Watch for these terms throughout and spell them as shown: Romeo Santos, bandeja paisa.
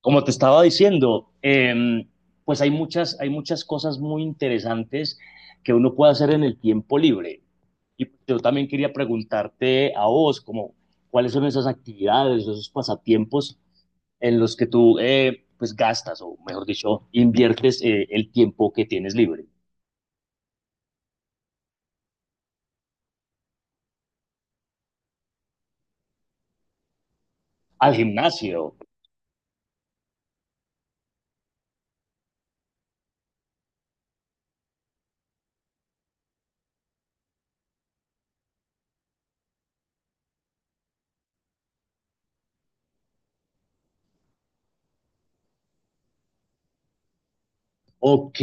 Como te estaba diciendo, pues hay muchas cosas muy interesantes que uno puede hacer en el tiempo libre. Y yo también quería preguntarte a vos, como, ¿cuáles son esas actividades, esos pasatiempos en los que tú, gastas, o mejor dicho, inviertes el tiempo que tienes libre? Al gimnasio. Ok,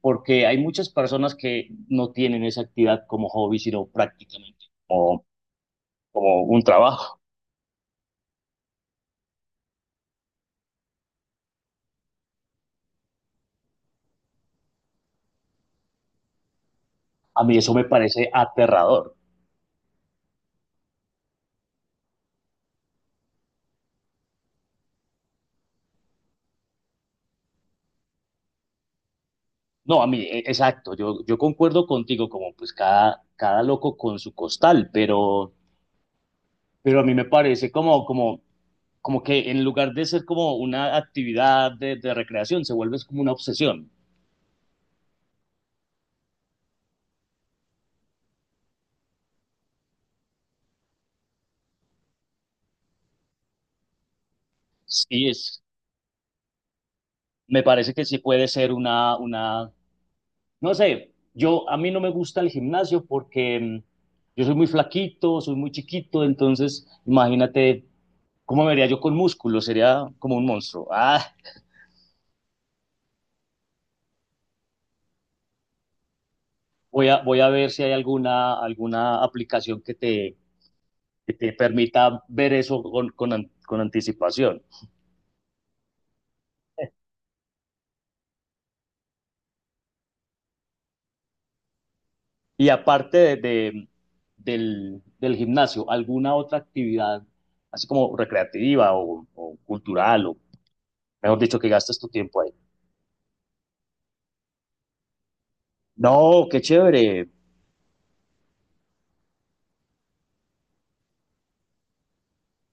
porque hay muchas personas que no tienen esa actividad como hobby, sino prácticamente como, como un trabajo. A mí eso me parece aterrador. No, a mí, exacto, yo concuerdo contigo, como pues cada loco con su costal, pero a mí me parece como, como, como que en lugar de ser como una actividad de recreación, se vuelve como una obsesión. Sí, es, me parece que sí puede ser una, no sé, yo, a mí no me gusta el gimnasio porque yo soy muy flaquito, soy muy chiquito, entonces imagínate cómo me vería yo con músculo, sería como un monstruo. Ah, voy a ver si hay alguna, alguna aplicación que te permita ver eso con anticipación. Y aparte del gimnasio, ¿alguna otra actividad, así como recreativa o cultural, o mejor dicho, que gastes tu tiempo ahí? No, qué chévere.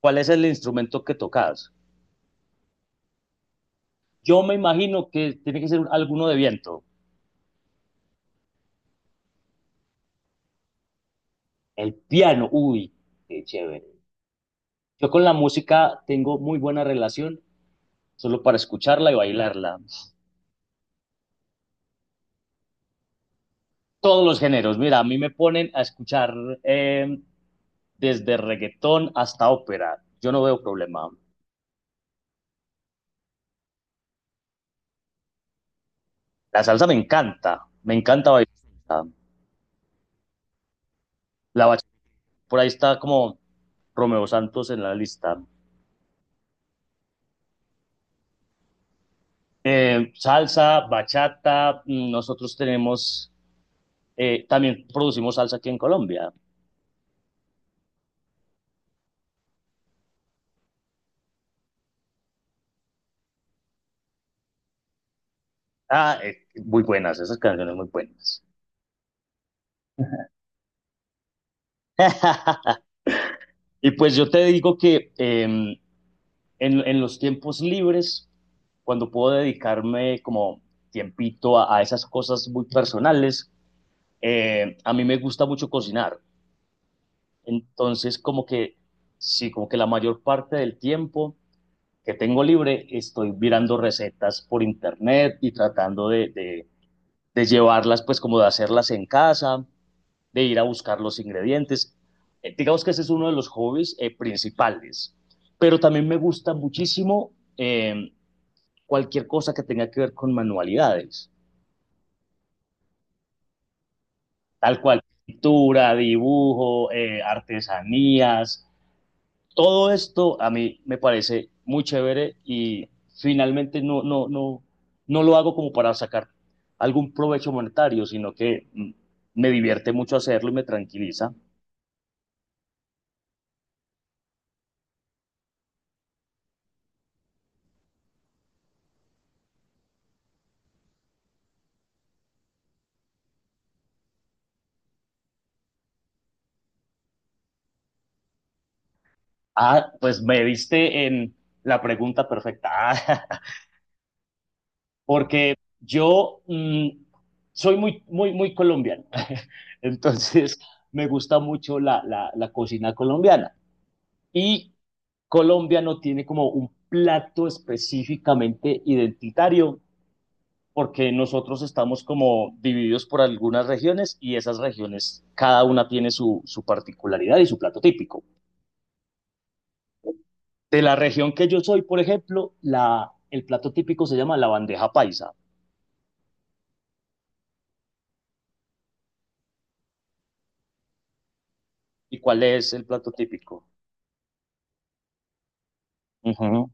¿Cuál es el instrumento que tocas? Yo me imagino que tiene que ser alguno de viento. El piano, uy, qué chévere. Yo con la música tengo muy buena relación solo para escucharla y bailarla. Todos los géneros, mira, a mí me ponen a escuchar eh, desde reggaetón hasta ópera, yo no veo problema. La salsa me encanta bailar. La bachata, por ahí está como Romeo Santos en la lista. Salsa, bachata, nosotros tenemos, también producimos salsa aquí en Colombia. Muy buenas, esas canciones muy buenas. Y pues yo te digo que en los tiempos libres, cuando puedo dedicarme como tiempito a esas cosas muy personales, a mí me gusta mucho cocinar. Entonces, como que, sí, como que la mayor parte del tiempo que tengo libre estoy mirando recetas por internet y tratando de llevarlas, pues como de hacerlas en casa, de ir a buscar los ingredientes. Digamos que ese es uno de los hobbies principales. Pero también me gusta muchísimo cualquier cosa que tenga que ver con manualidades, tal cual, pintura, dibujo, artesanías, todo esto a mí me parece muy chévere y finalmente no lo hago como para sacar algún provecho monetario, sino que me divierte mucho hacerlo y me tranquiliza. Ah, pues me diste en la pregunta perfecta. Ah, porque yo soy muy colombiano, entonces me gusta mucho la cocina colombiana y Colombia no tiene como un plato específicamente identitario porque nosotros estamos como divididos por algunas regiones y esas regiones, cada una tiene su, su particularidad y su plato típico. De la región que yo soy, por ejemplo, el plato típico se llama la bandeja paisa. ¿Y cuál es el plato típico? Ujú.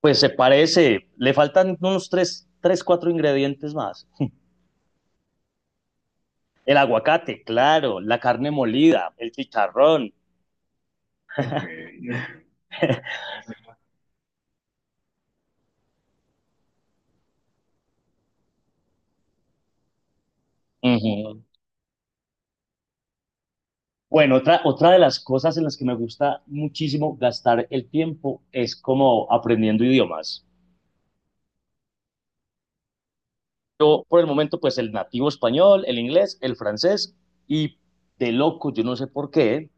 Pues se parece, le faltan unos tres, cuatro ingredientes más. El aguacate, claro, la carne molida, el chicharrón. Ujú. Bueno, otra de las cosas en las que me gusta muchísimo gastar el tiempo es como aprendiendo idiomas. Yo, por el momento, pues el nativo español, el inglés, el francés y de loco, yo no sé por qué,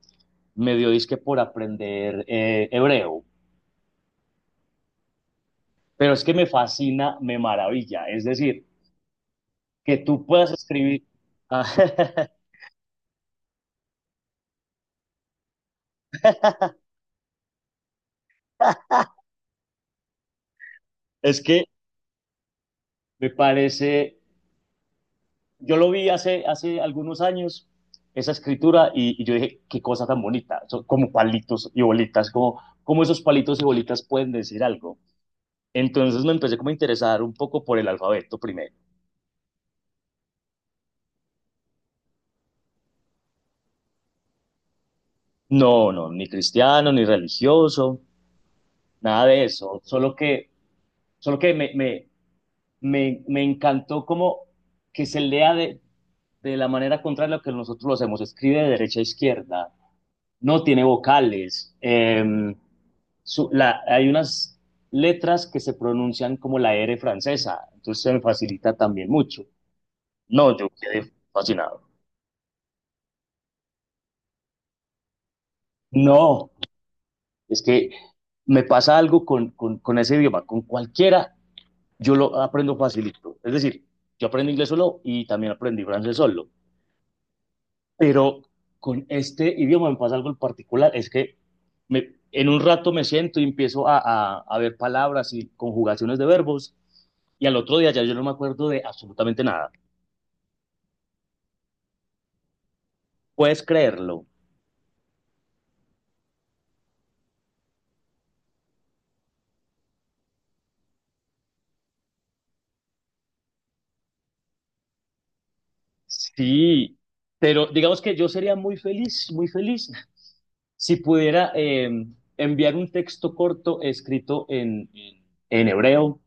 me dio disque por aprender hebreo. Pero es que me fascina, me maravilla. Es decir, que tú puedas escribir. Ah, Es que me parece, yo lo vi hace algunos años, esa escritura, y yo dije, qué cosa tan bonita, son como palitos y bolitas, como, como esos palitos y bolitas pueden decir algo. Entonces me empecé como a interesar un poco por el alfabeto primero. No, no, ni cristiano, ni religioso, nada de eso, solo que me encantó como que se lea de la manera contraria a lo que nosotros lo hacemos. Escribe de derecha a izquierda, no tiene vocales. Hay unas letras que se pronuncian como la R francesa, entonces se me facilita también mucho. No, yo quedé fascinado. No, es que me pasa algo con ese idioma, con cualquiera, yo lo aprendo facilito. Es decir, yo aprendo inglés solo y también aprendí francés solo. Pero con este idioma me pasa algo en particular, es que me, en un rato me siento y empiezo a ver palabras y conjugaciones de verbos, y al otro día ya yo no me acuerdo de absolutamente nada. ¿Puedes creerlo? Sí, pero digamos que yo sería muy feliz, si pudiera enviar un texto corto escrito en hebreo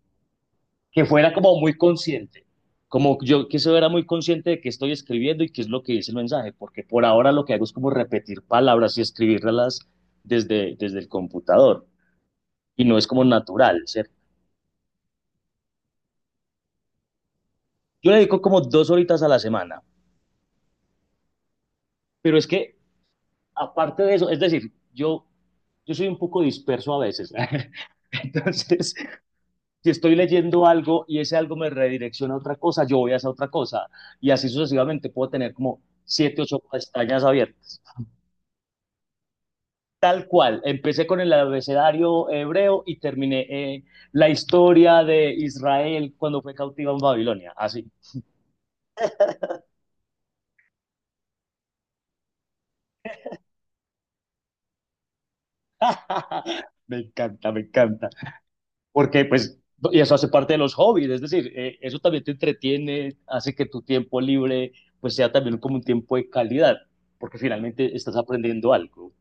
que fuera como muy consciente, como yo que se fuera muy consciente de qué estoy escribiendo y qué es lo que dice el mensaje, porque por ahora lo que hago es como repetir palabras y escribirlas desde el computador y no es como natural, ¿cierto? Yo le dedico como 2 horitas a la semana, pero es que aparte de eso, es decir, yo soy un poco disperso a veces. ¿eh? Entonces, si estoy leyendo algo y ese algo me redirecciona a otra cosa, yo voy a esa otra cosa. Y así sucesivamente puedo tener como siete, ocho pestañas abiertas. Tal cual. Empecé con el abecedario hebreo y terminé la historia de Israel cuando fue cautiva en Babilonia. Así. Me encanta, me encanta. Porque pues, y eso hace parte de los hobbies, es decir, eso también te entretiene, hace que tu tiempo libre pues sea también como un tiempo de calidad, porque finalmente estás aprendiendo algo.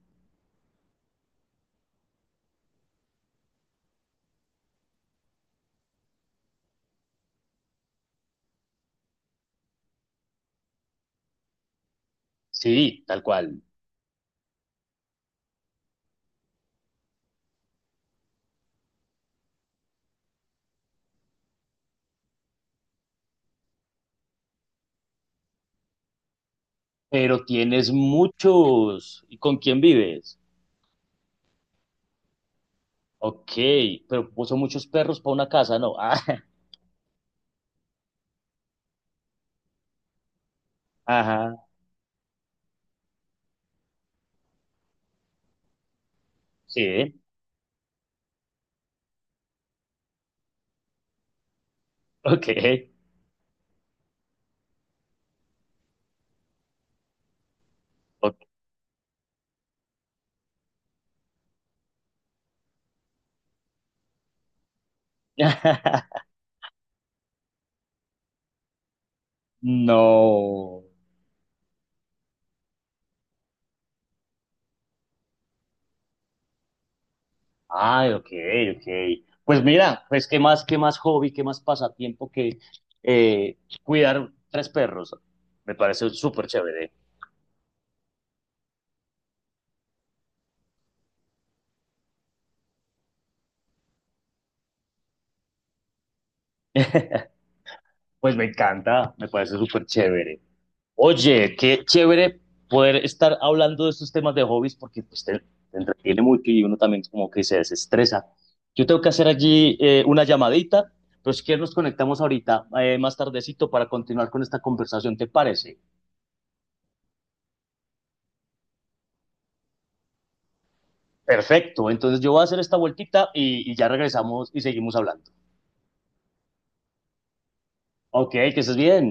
Sí, tal cual. Pero tienes muchos. ¿Y con quién vives? Ok, pero son muchos perros para una casa, ¿no? Ajá. Sí, ok, ok. No. Ay, ok, ok. Pues mira, pues qué más hobby, qué más pasatiempo que eh, cuidar tres perros. Me parece súper chévere. Pues me encanta, me parece súper chévere. Oye, qué chévere poder estar hablando de estos temas de hobbies porque pues, te entretiene mucho y uno también como que se desestresa. Yo tengo que hacer allí una llamadita, pero si quieres nos conectamos ahorita más tardecito para continuar con esta conversación, ¿te parece? Perfecto, entonces yo voy a hacer esta vueltita y ya regresamos y seguimos hablando. Ok, que estés bien.